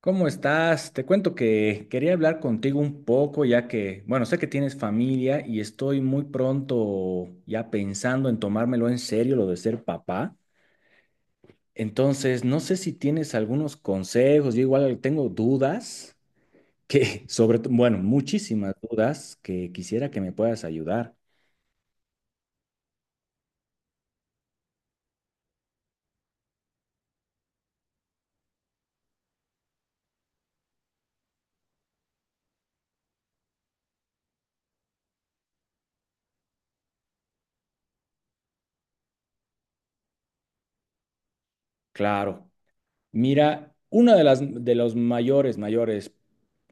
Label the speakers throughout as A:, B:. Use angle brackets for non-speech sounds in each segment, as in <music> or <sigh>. A: ¿Cómo estás? Te cuento que quería hablar contigo un poco, ya que, bueno, sé que tienes familia y estoy muy pronto ya pensando en tomármelo en serio lo de ser papá. Entonces, no sé si tienes algunos consejos, yo igual tengo dudas que, <laughs> sobre, bueno, muchísimas dudas que quisiera que me puedas ayudar. Claro. Mira, una de los mayores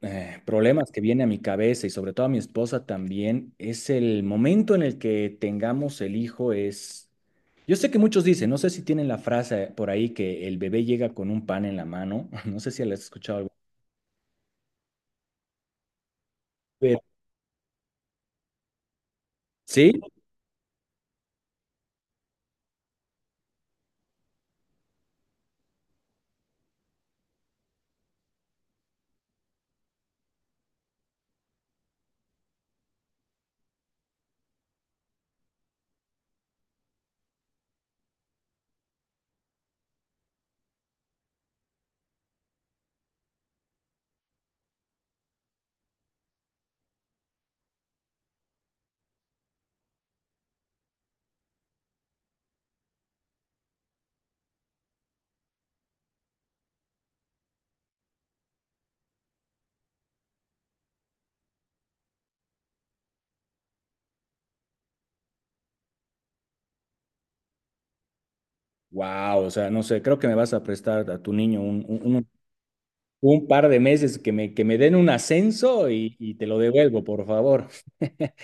A: problemas que viene a mi cabeza y sobre todo a mi esposa también es el momento en el que tengamos el hijo es, yo sé que muchos dicen, no sé si tienen la frase por ahí que el bebé llega con un pan en la mano, <laughs> no sé si la has escuchado algo, sí, wow, o sea, no sé, creo que me vas a prestar a tu niño un par de meses que que me den un ascenso y te lo devuelvo, por favor. <laughs>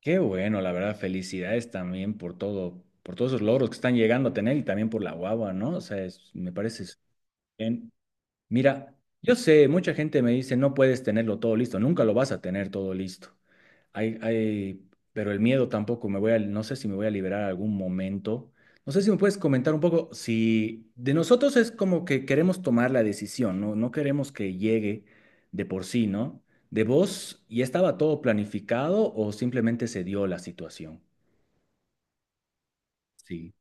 A: Qué bueno, la verdad, felicidades también por todo, por todos esos logros que están llegando a tener y también por la guagua, ¿no? O sea, me parece súper bien. Mira, yo sé, mucha gente me dice, no puedes tenerlo todo listo, nunca lo vas a tener todo listo. Hay, pero el miedo tampoco me voy a, no sé si me voy a liberar algún momento. No sé si me puedes comentar un poco si de nosotros es como que queremos tomar la decisión, ¿no? No queremos que llegue de por sí, ¿no? ¿De vos ya estaba todo planificado o simplemente se dio la situación? Sí.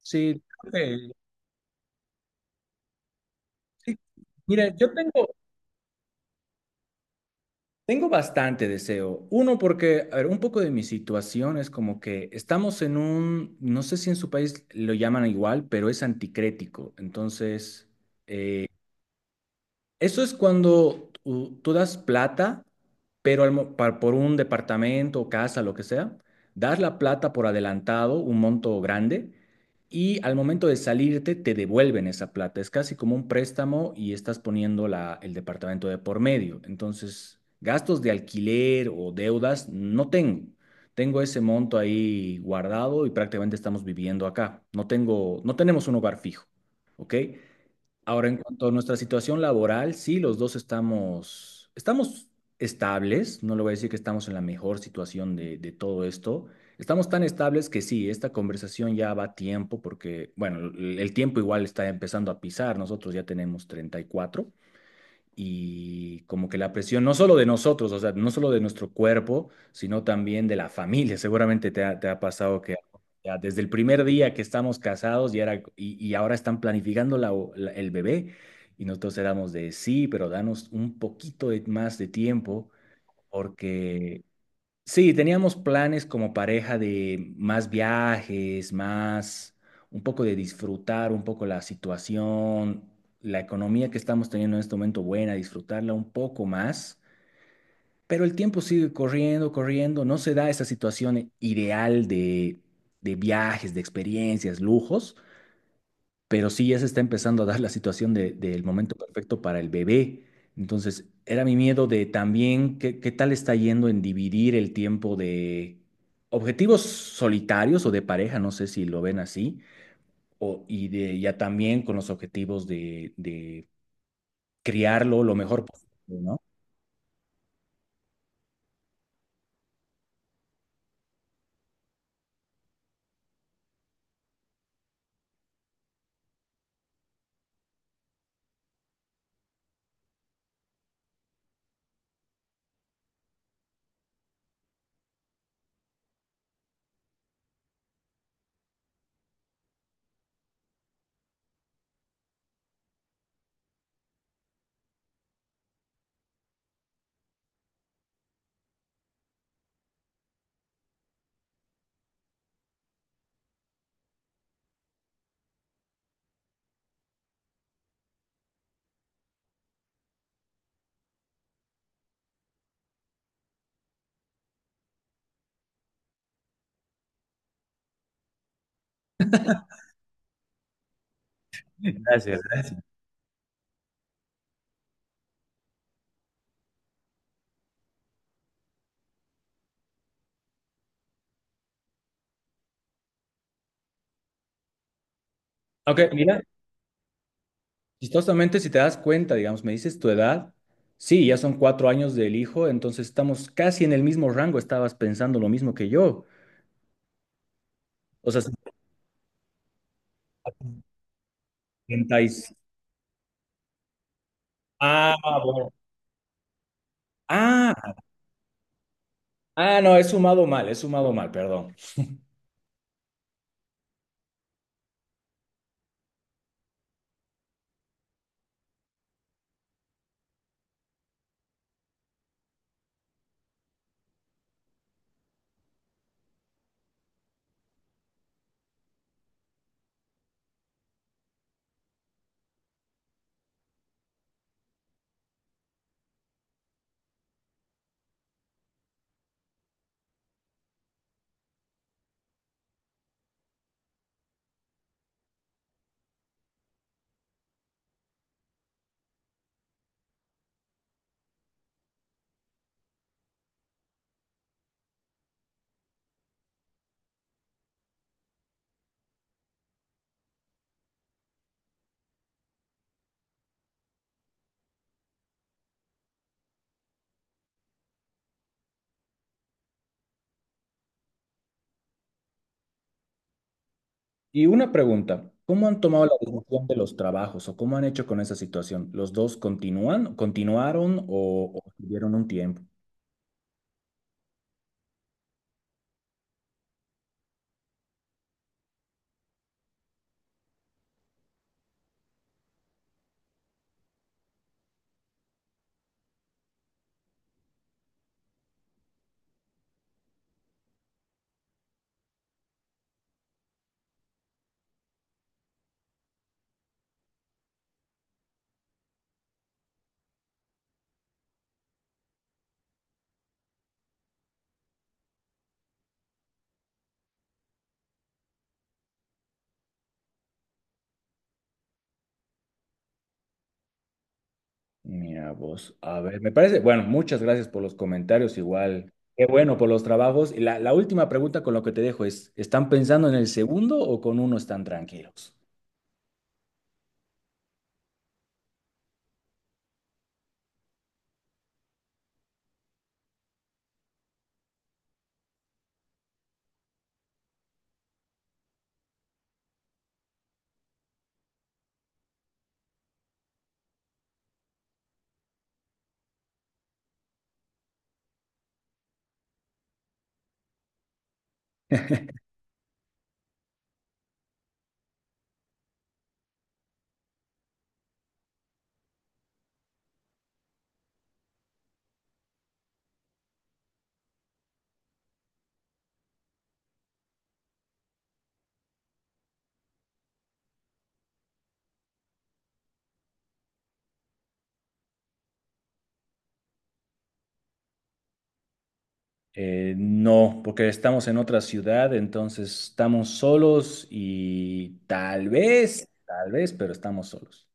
A: Sí, creo que- Sí, mira, tengo bastante deseo. Uno, porque, a ver, un poco de mi situación es como que estamos en un, no sé si en su país lo llaman igual, pero es anticrético. Entonces, eh, eso es cuando tú das plata, pero por un departamento o casa, lo que sea, das la plata por adelantado, un monto grande, y al momento de salirte te devuelven esa plata. Es casi como un préstamo y estás poniendo el departamento de por medio. Entonces, gastos de alquiler o deudas no tengo. Tengo ese monto ahí guardado y prácticamente estamos viviendo acá. No tenemos un hogar fijo, ¿ok? Ahora, en cuanto a nuestra situación laboral, sí, los dos estamos estables, no le voy a decir que estamos en la mejor situación de todo esto. Estamos tan estables que sí, esta conversación ya va a tiempo porque, bueno, el tiempo igual está empezando a pisar, nosotros ya tenemos 34 y como que la presión no solo de nosotros, o sea, no solo de nuestro cuerpo, sino también de la familia. Seguramente te ha pasado que ya desde el primer día que estamos casados y, era, y ahora están planificando el bebé y nosotros éramos de sí, pero danos un poquito más de tiempo porque sí, teníamos planes como pareja de más viajes, más un poco de disfrutar un poco la situación, la economía que estamos teniendo en este momento buena, disfrutarla un poco más, pero el tiempo sigue corriendo, corriendo, no se da esa situación ideal de viajes, de experiencias, lujos, pero sí ya se está empezando a dar la situación del momento perfecto para el bebé. Entonces, era mi miedo de también qué tal está yendo en dividir el tiempo de objetivos solitarios o de pareja, no sé si lo ven así, o, y de, ya también con los objetivos de criarlo lo mejor posible, ¿no? Gracias, gracias. Ok, mira, chistosamente si te das cuenta, digamos, me dices tu edad, sí, ya son 4 años del hijo, entonces estamos casi en el mismo rango, estabas pensando lo mismo que yo. O sea, 70 y- ah, bueno. Ah, ah, no, he sumado mal, perdón. Y una pregunta, ¿cómo han tomado la decisión de los trabajos o cómo han hecho con esa situación? ¿Los dos continúan, continuaron o tuvieron un tiempo? Mira vos, a ver, me parece, bueno, muchas gracias por los comentarios, igual, qué bueno por los trabajos. Y la última pregunta con lo que te dejo es, ¿están pensando en el segundo o con uno están tranquilos? No, porque estamos en otra ciudad, entonces estamos solos y tal vez, pero estamos solos.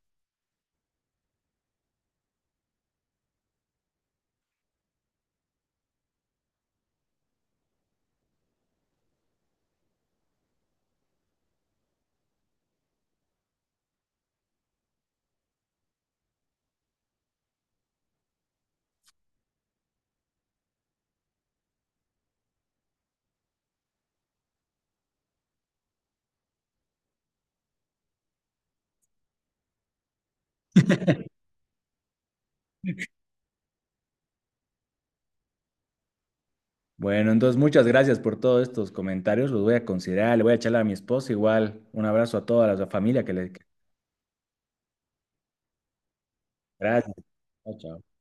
A: Bueno, entonces muchas gracias por todos estos comentarios, los voy a considerar, le voy a echar a mi esposa igual. Un abrazo a toda la familia que le... Gracias. Chao, chao.